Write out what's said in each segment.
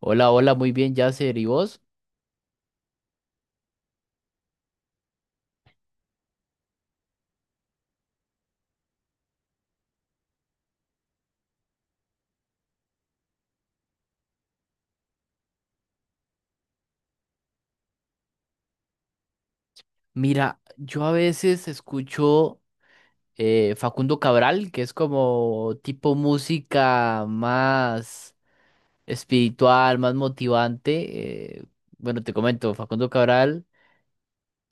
Hola, hola, muy bien, Yasser. ¿Y vos? Mira, yo a veces escucho Facundo Cabral, que es como tipo música más espiritual, más motivante. Bueno, te comento, Facundo Cabral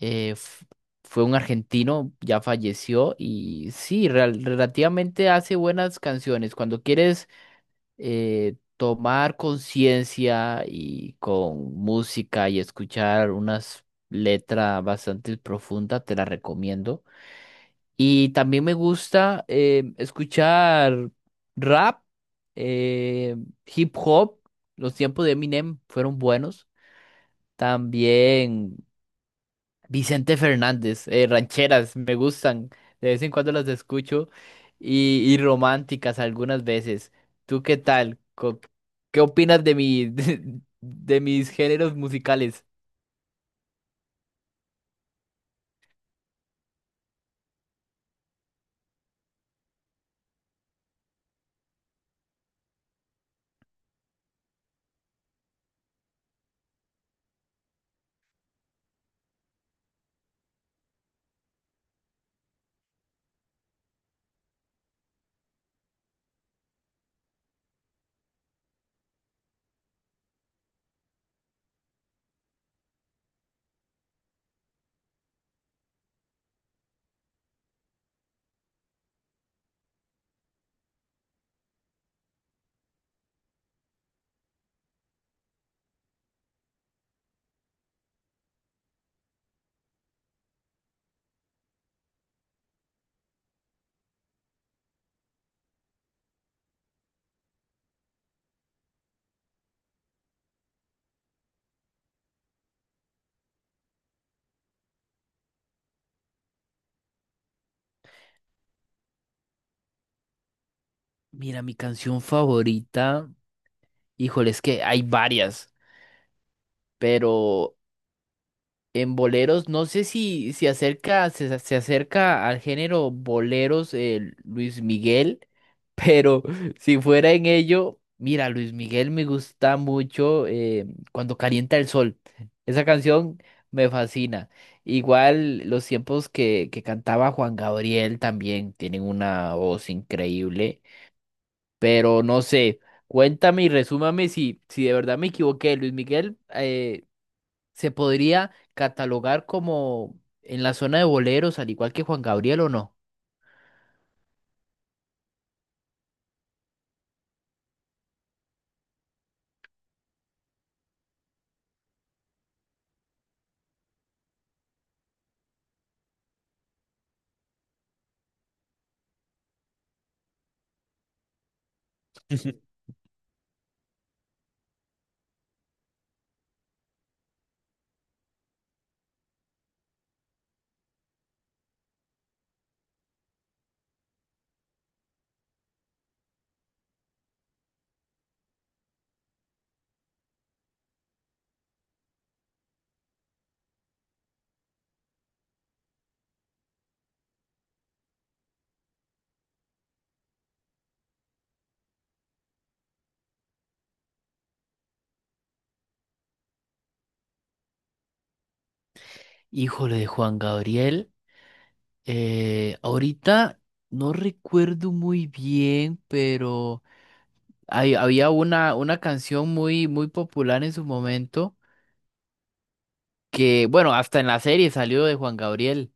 eh, f- fue un argentino, ya falleció y sí, relativamente hace buenas canciones. Cuando quieres tomar conciencia y con música y escuchar unas letras bastante profundas, te la recomiendo. Y también me gusta escuchar rap, eh, hip hop. Los tiempos de Eminem fueron buenos. También Vicente Fernández, rancheras, me gustan. De vez en cuando las escucho y, románticas algunas veces. ¿Tú qué tal? ¿Qué opinas de mi, de mis géneros musicales? Mira, mi canción favorita, híjole, es que hay varias, pero en boleros, no sé si acerca, se acerca al género boleros, Luis Miguel, pero si fuera en ello, mira, Luis Miguel me gusta mucho cuando calienta el sol. Esa canción me fascina. Igual los tiempos que cantaba Juan Gabriel también tienen una voz increíble, pero no sé, cuéntame y resúmame si de verdad me equivoqué. Luis Miguel, ¿se podría catalogar como en la zona de boleros, al igual que Juan Gabriel o no? Híjole, de Juan Gabriel. Ahorita no recuerdo muy bien, pero había una canción muy, muy popular en su momento, que, bueno, hasta en la serie salió de Juan Gabriel,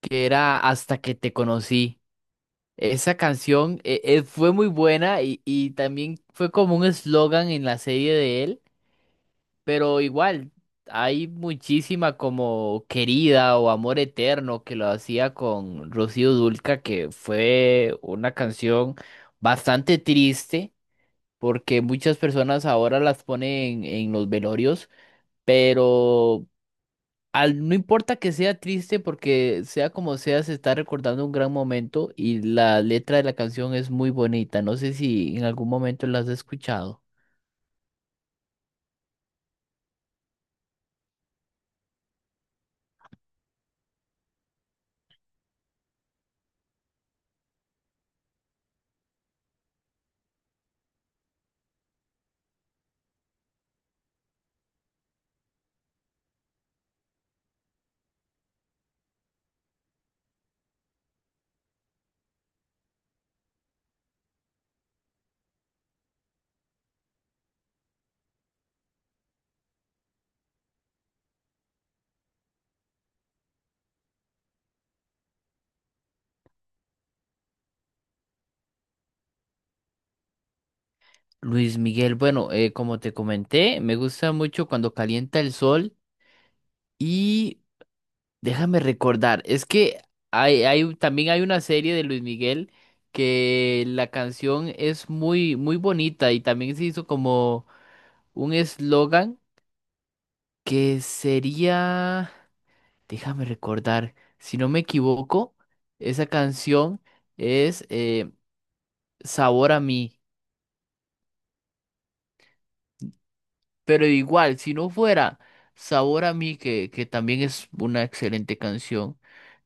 que era Hasta que te conocí. Esa canción fue muy buena y también fue como un eslogan en la serie de él. Pero igual, hay muchísima como Querida o Amor Eterno que lo hacía con Rocío Dulca, que fue una canción bastante triste, porque muchas personas ahora las ponen en los velorios, pero no importa que sea triste, porque sea como sea, se está recordando un gran momento y la letra de la canción es muy bonita. No sé si en algún momento la has escuchado. Luis Miguel, bueno, como te comenté, me gusta mucho cuando calienta el sol y déjame recordar, es que también hay una serie de Luis Miguel que la canción es muy, muy bonita y también se hizo como un eslogan que sería, déjame recordar, si no me equivoco, esa canción es Sabor a mí. Pero igual, si no fuera Sabor a mí, que también es una excelente canción,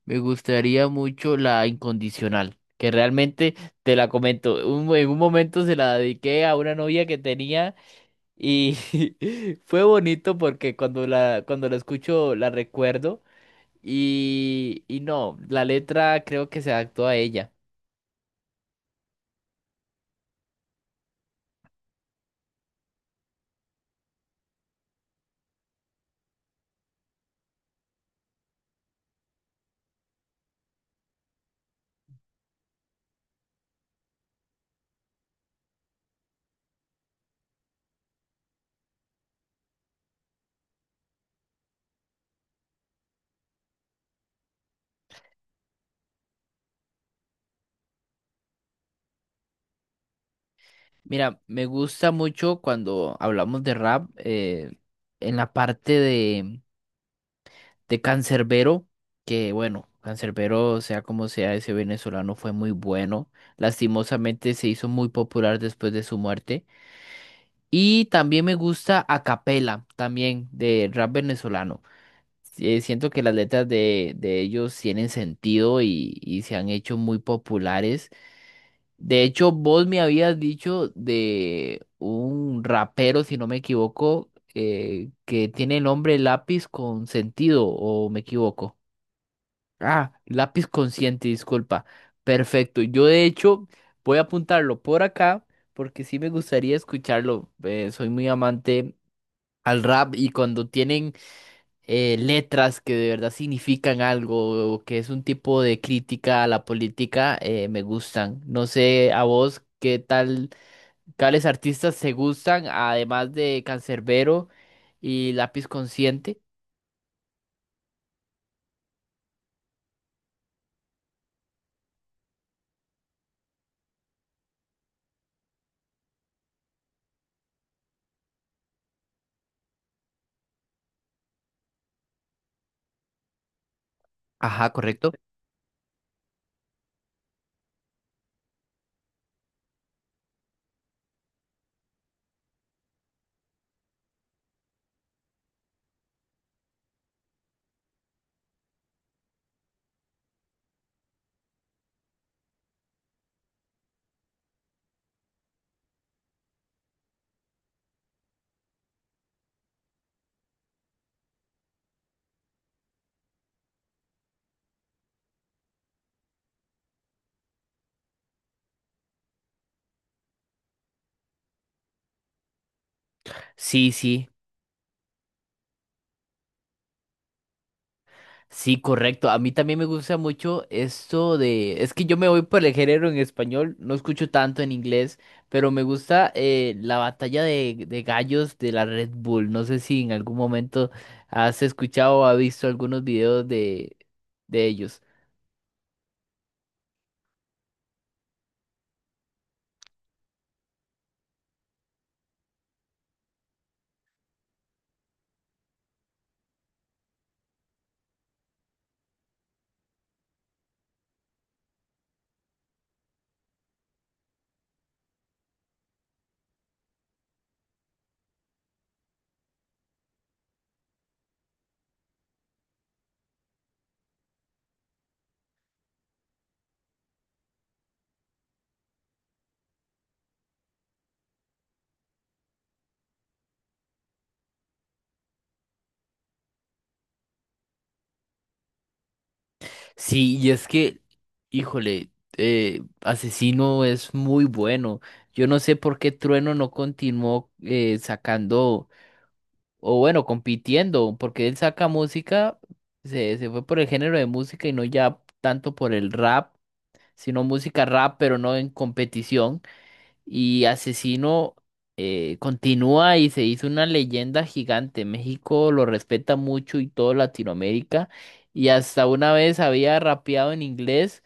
me gustaría mucho la Incondicional, que realmente te la comento. En un momento se la dediqué a una novia que tenía y fue bonito porque cuando cuando la escucho la recuerdo y no, la letra creo que se adaptó a ella. Mira, me gusta mucho cuando hablamos de rap, en la parte de Cancerbero, que bueno, Cancerbero sea como sea, ese venezolano fue muy bueno. Lastimosamente se hizo muy popular después de su muerte. Y también me gusta A Capela, también de rap venezolano. Siento que las letras de ellos tienen sentido y se han hecho muy populares. De hecho, vos me habías dicho de un rapero, si no me equivoco, que tiene el nombre Lápiz con sentido, o me equivoco. Ah, Lápiz Consciente, disculpa. Perfecto. Yo de hecho voy a apuntarlo por acá porque sí me gustaría escucharlo. Soy muy amante al rap y cuando tienen letras que de verdad significan algo o que es un tipo de crítica a la política, me gustan. No sé a vos qué tal, cuáles artistas se gustan, además de Cancerbero y Lápiz Consciente. Ajá, correcto. Sí, sí. Sí, correcto. A mí también me gusta mucho esto de... Es que yo me voy por el género en español, no escucho tanto en inglés, pero me gusta la batalla de gallos de la Red Bull. No sé si en algún momento has escuchado o has visto algunos videos de ellos. Sí, y es que, híjole, Asesino es muy bueno. Yo no sé por qué Trueno no continuó sacando... o bueno, compitiendo, porque él saca música, se fue por el género de música y no ya tanto por el rap, sino música rap, pero no en competición. Y Asesino continúa y se hizo una leyenda gigante. México lo respeta mucho y todo Latinoamérica. Y hasta una vez había rapeado en inglés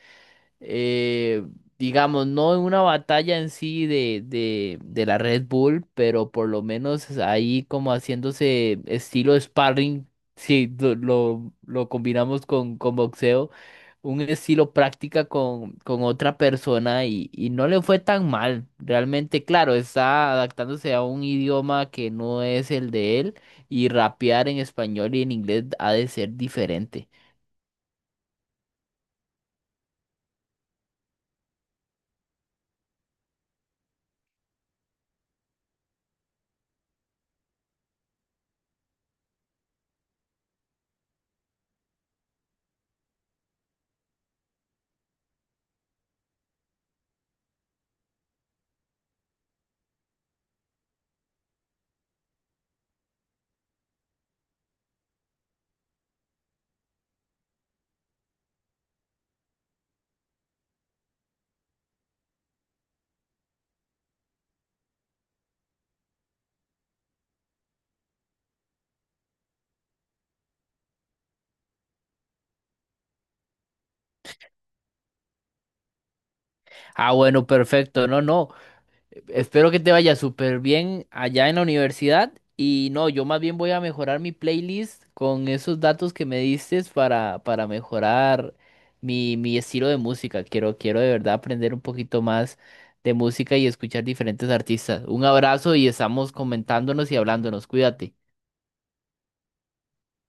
eh, digamos, no en una batalla en sí de la Red Bull, pero por lo menos ahí como haciéndose estilo sparring, si lo combinamos con boxeo, un estilo práctica con otra persona y no le fue tan mal. Realmente, claro, está adaptándose a un idioma que no es el de él y rapear en español y en inglés ha de ser diferente. Ah, bueno, perfecto, no, no. Espero que te vaya súper bien allá en la universidad. Y no, yo más bien voy a mejorar mi playlist con esos datos que me diste para mejorar mi, mi estilo de música. Quiero, quiero de verdad aprender un poquito más de música y escuchar diferentes artistas. Un abrazo y estamos comentándonos y hablándonos. Cuídate.